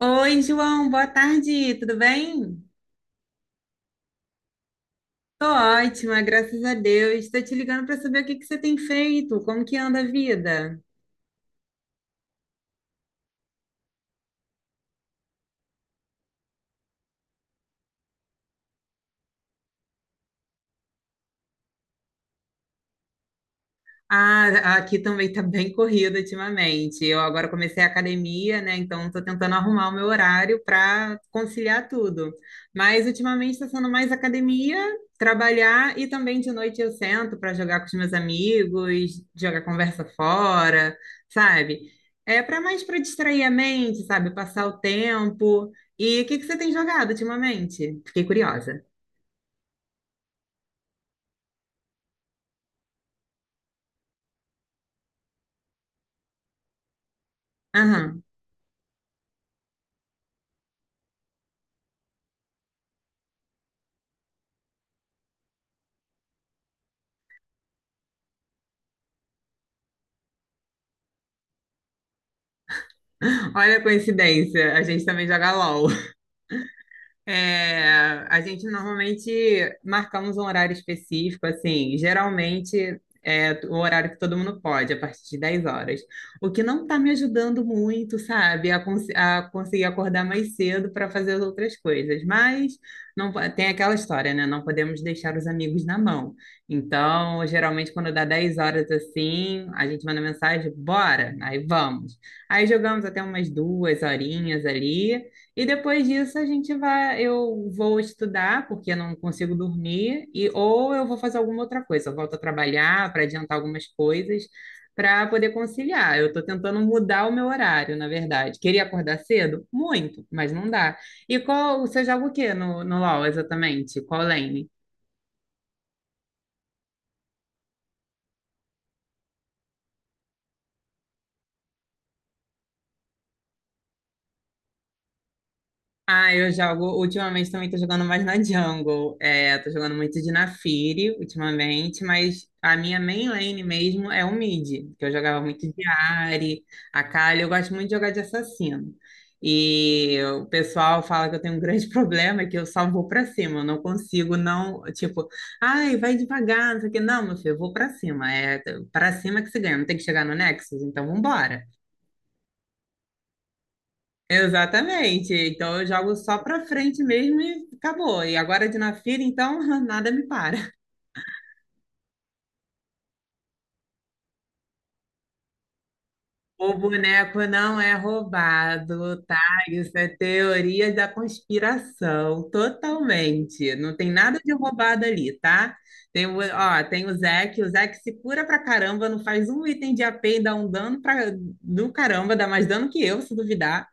Oi, João, boa tarde, tudo bem? Tô ótima, graças a Deus. Estou te ligando para saber o que que você tem feito, como que anda a vida? Ah, aqui também tá bem corrido ultimamente. Eu agora comecei a academia, né? Então tô tentando arrumar o meu horário para conciliar tudo. Mas ultimamente está sendo mais academia, trabalhar e também de noite eu sento para jogar com os meus amigos, jogar conversa fora, sabe? É para mais para distrair a mente, sabe? Passar o tempo. E o que que você tem jogado ultimamente? Fiquei curiosa. Aham. Olha a coincidência, a gente também joga LOL. É, a gente normalmente marcamos um horário específico, assim, geralmente é o horário que todo mundo pode, a partir de 10 horas. O que não está me ajudando muito, sabe, a conseguir acordar mais cedo para fazer as outras coisas. Mas não po- tem aquela história, né? Não podemos deixar os amigos na mão. Então, geralmente, quando dá 10 horas assim, a gente manda mensagem, bora, aí vamos. Aí jogamos até umas duas horinhas ali. E depois disso a gente vai, eu vou estudar, porque eu não consigo dormir, e ou eu vou fazer alguma outra coisa, eu volto a trabalhar para adiantar algumas coisas, para poder conciliar. Eu estou tentando mudar o meu horário, na verdade. Queria acordar cedo? Muito, mas não dá. E qual, você joga o quê no LoL exatamente? Qual lane? Ah, eu jogo. Ultimamente também tô jogando mais na jungle. É, tô jogando muito de Naafiri ultimamente, mas a minha main lane mesmo é o mid, que eu jogava muito de Ahri, Akali. Eu gosto muito de jogar de assassino. E o pessoal fala que eu tenho um grande problema, é que eu só vou pra cima. Eu não consigo não, tipo, ai, vai devagar, não sei o quê. Não, meu filho, eu vou pra cima. É pra cima que se ganha. Não tem que chegar no Nexus, então vambora. Exatamente. Então eu jogo só pra frente mesmo e acabou. E agora de na fila, então nada me para. O boneco não é roubado, tá? Isso é teoria da conspiração, totalmente. Não tem nada de roubado ali, tá? Tem o, ó, tem o Zeke se cura pra caramba, não faz um item de a AP e dá um dano pra, do caramba, dá mais dano que eu, se duvidar.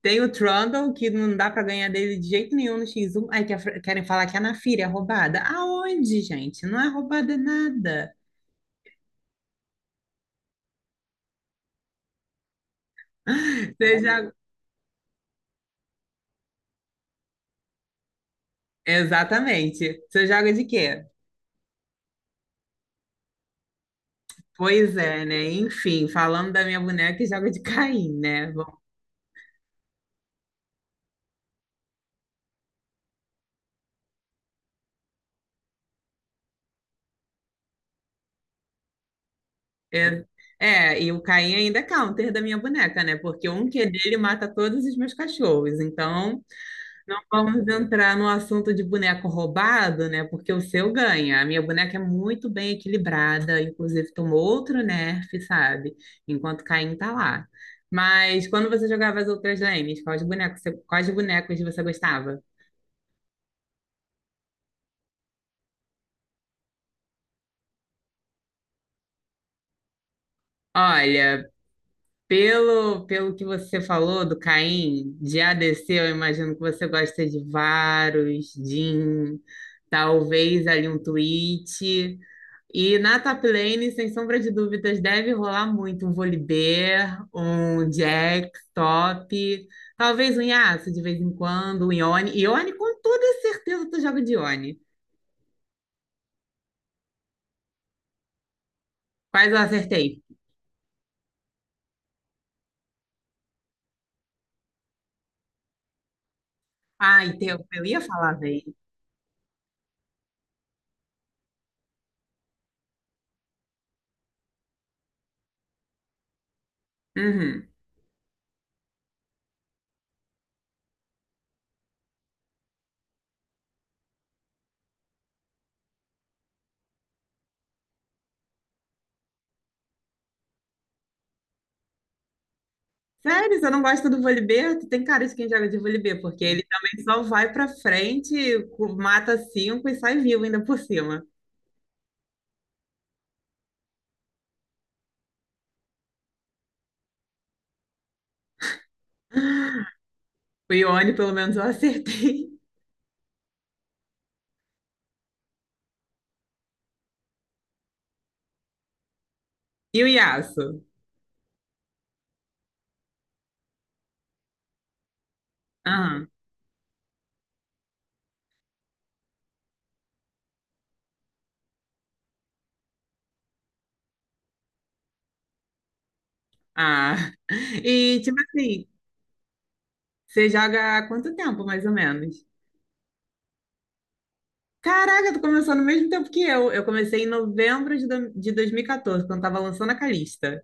Tem o Trundle, que não dá pra ganhar dele de jeito nenhum no X1. Aí querem falar que a Naafiri é roubada. Aonde, gente? Não é roubada nada. Você joga. Exatamente. Você joga de quê? Pois é, né? Enfim, falando da minha boneca, joga de Caim, né? Bom, é, e o Caim ainda é counter da minha boneca, né? Porque um Q dele mata todos os meus cachorros. Então, não vamos entrar no assunto de boneco roubado, né? Porque o seu ganha. A minha boneca é muito bem equilibrada, inclusive tomou outro nerf, sabe? Enquanto Caim tá lá. Mas quando você jogava as outras lanes, quais bonecos você gostava? Olha, pelo que você falou do Caim, de A D C eu imagino que você gosta de Varus, Jhin, talvez ali um Twitch. E na top lane, sem sombra de dúvidas, deve rolar muito um Volibear, um Jax top, talvez um Yasuo de vez em quando, um Yone. Yone, com toda certeza, tu joga de Yone. Quais eu acertei? Ai, teu, eu ia falar, velho. Uhum. Sério, você não gosta do vôlei. Tu tem cara de quem joga de vôlei porque ele também só vai pra frente, mata cinco e sai vivo ainda por cima. O Ione, pelo menos, eu acertei. E o Yasso? Aham. Ah. E, tipo assim, você joga há quanto tempo, mais ou menos? Caraca, tu começou no mesmo tempo que eu. Eu comecei em novembro de 2014, quando tava lançando a Calista.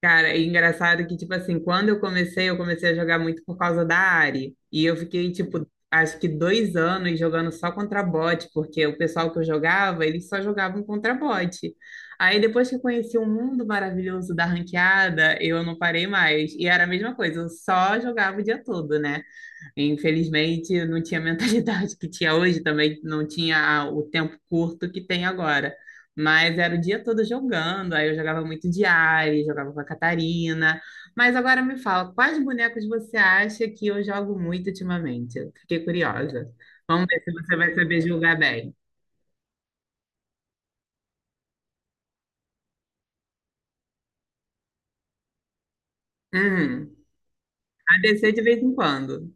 Cara, é engraçado que, tipo assim, quando eu comecei a jogar muito por causa da Ari. E eu fiquei, tipo, acho que 2 anos jogando só contra bot, porque o pessoal que eu jogava, eles só jogavam contra bot. Aí depois que eu conheci o mundo maravilhoso da ranqueada, eu não parei mais. E era a mesma coisa, eu só jogava o dia todo, né? Infelizmente, eu não tinha a mentalidade que tinha hoje, também não tinha o tempo curto que tem agora. Mas era o dia todo jogando, aí eu jogava muito de Ari, jogava com a Catarina. Mas agora me fala, quais bonecos você acha que eu jogo muito ultimamente? Eu fiquei curiosa. Vamos ver se você vai saber julgar bem. Hum, ADC de vez em quando.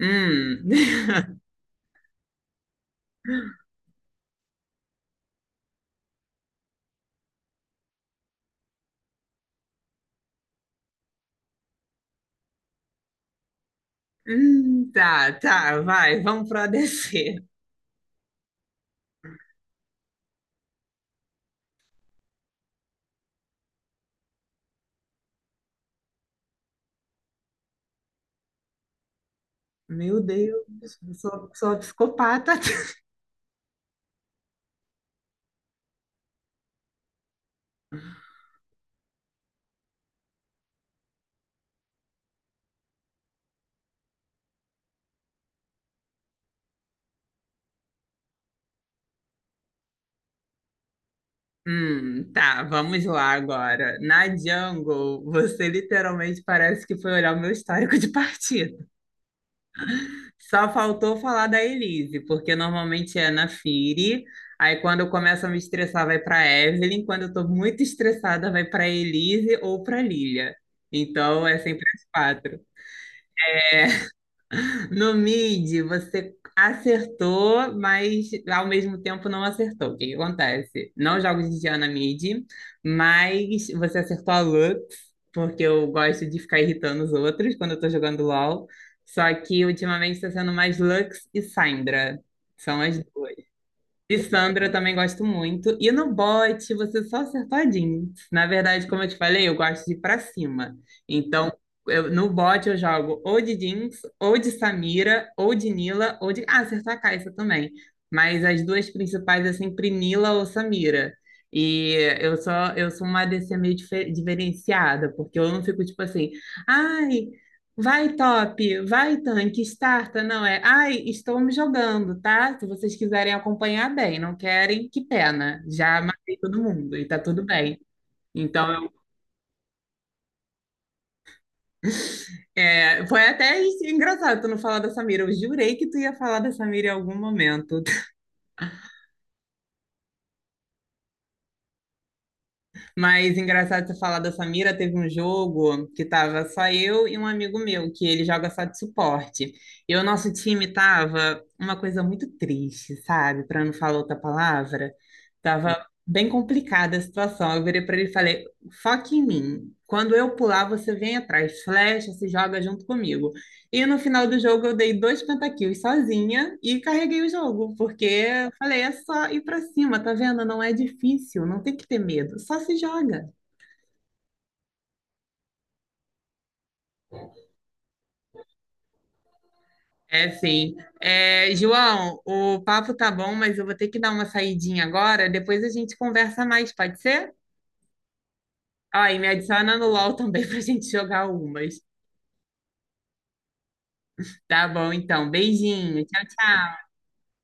Hum. Tá, tá, vai, vamos pro ADC. Meu Deus, eu sou uma psicopata. Tá, vamos lá agora. Na Jungle, você literalmente parece que foi olhar o meu histórico de partida. Só faltou falar da Elise, porque normalmente é na Firi. Aí quando eu começo a me estressar, vai para Evelyn. Quando eu tô muito estressada, vai para Elise ou para Lilia. Então é sempre as quatro. No mid, você acertou, mas ao mesmo tempo não acertou. O que que acontece? Não jogo de Diana mid, mas você acertou a Lux, porque eu gosto de ficar irritando os outros quando eu tô jogando LoL. Só que ultimamente está sendo mais Lux e Syndra. São as duas. E Sandra eu também gosto muito. E no bote você só acertou a jeans. Na verdade, como eu te falei, eu gosto de ir pra cima. Então, no bote eu jogo ou de jeans, ou de Samira, ou de Nila, ou de. Ah, acertou a Caixa também. Mas as duas principais é sempre Nila ou Samira. E eu sou uma ADC meio diferenciada, porque eu não fico tipo assim, ai, vai, top, vai, tanque, starta, não é? Ai, estou me jogando, tá? Se vocês quiserem acompanhar, bem, não querem, que pena. Já matei todo mundo e tá tudo bem. Então, eu- engraçado tu não falar da Samira. Eu jurei que tu ia falar da Samira em algum momento. Mas engraçado você falar da Samira, teve um jogo que tava só eu e um amigo meu, que ele joga só de suporte. E o nosso time tava uma coisa muito triste, sabe? Para não falar outra palavra, tava bem complicada a situação. Eu virei para ele e falei: "Foque em mim. Quando eu pular, você vem atrás, flecha, se joga junto comigo." E no final do jogo eu dei dois pentakills sozinha e carreguei o jogo, porque eu falei, é só ir pra cima, tá vendo? Não é difícil, não tem que ter medo, só se joga. É sim. É, João, o papo tá bom, mas eu vou ter que dar uma saidinha agora, depois a gente conversa mais, pode ser? Ó, e me adiciona no LOL também pra gente jogar umas. Tá bom, então. Beijinho. Tchau, tchau.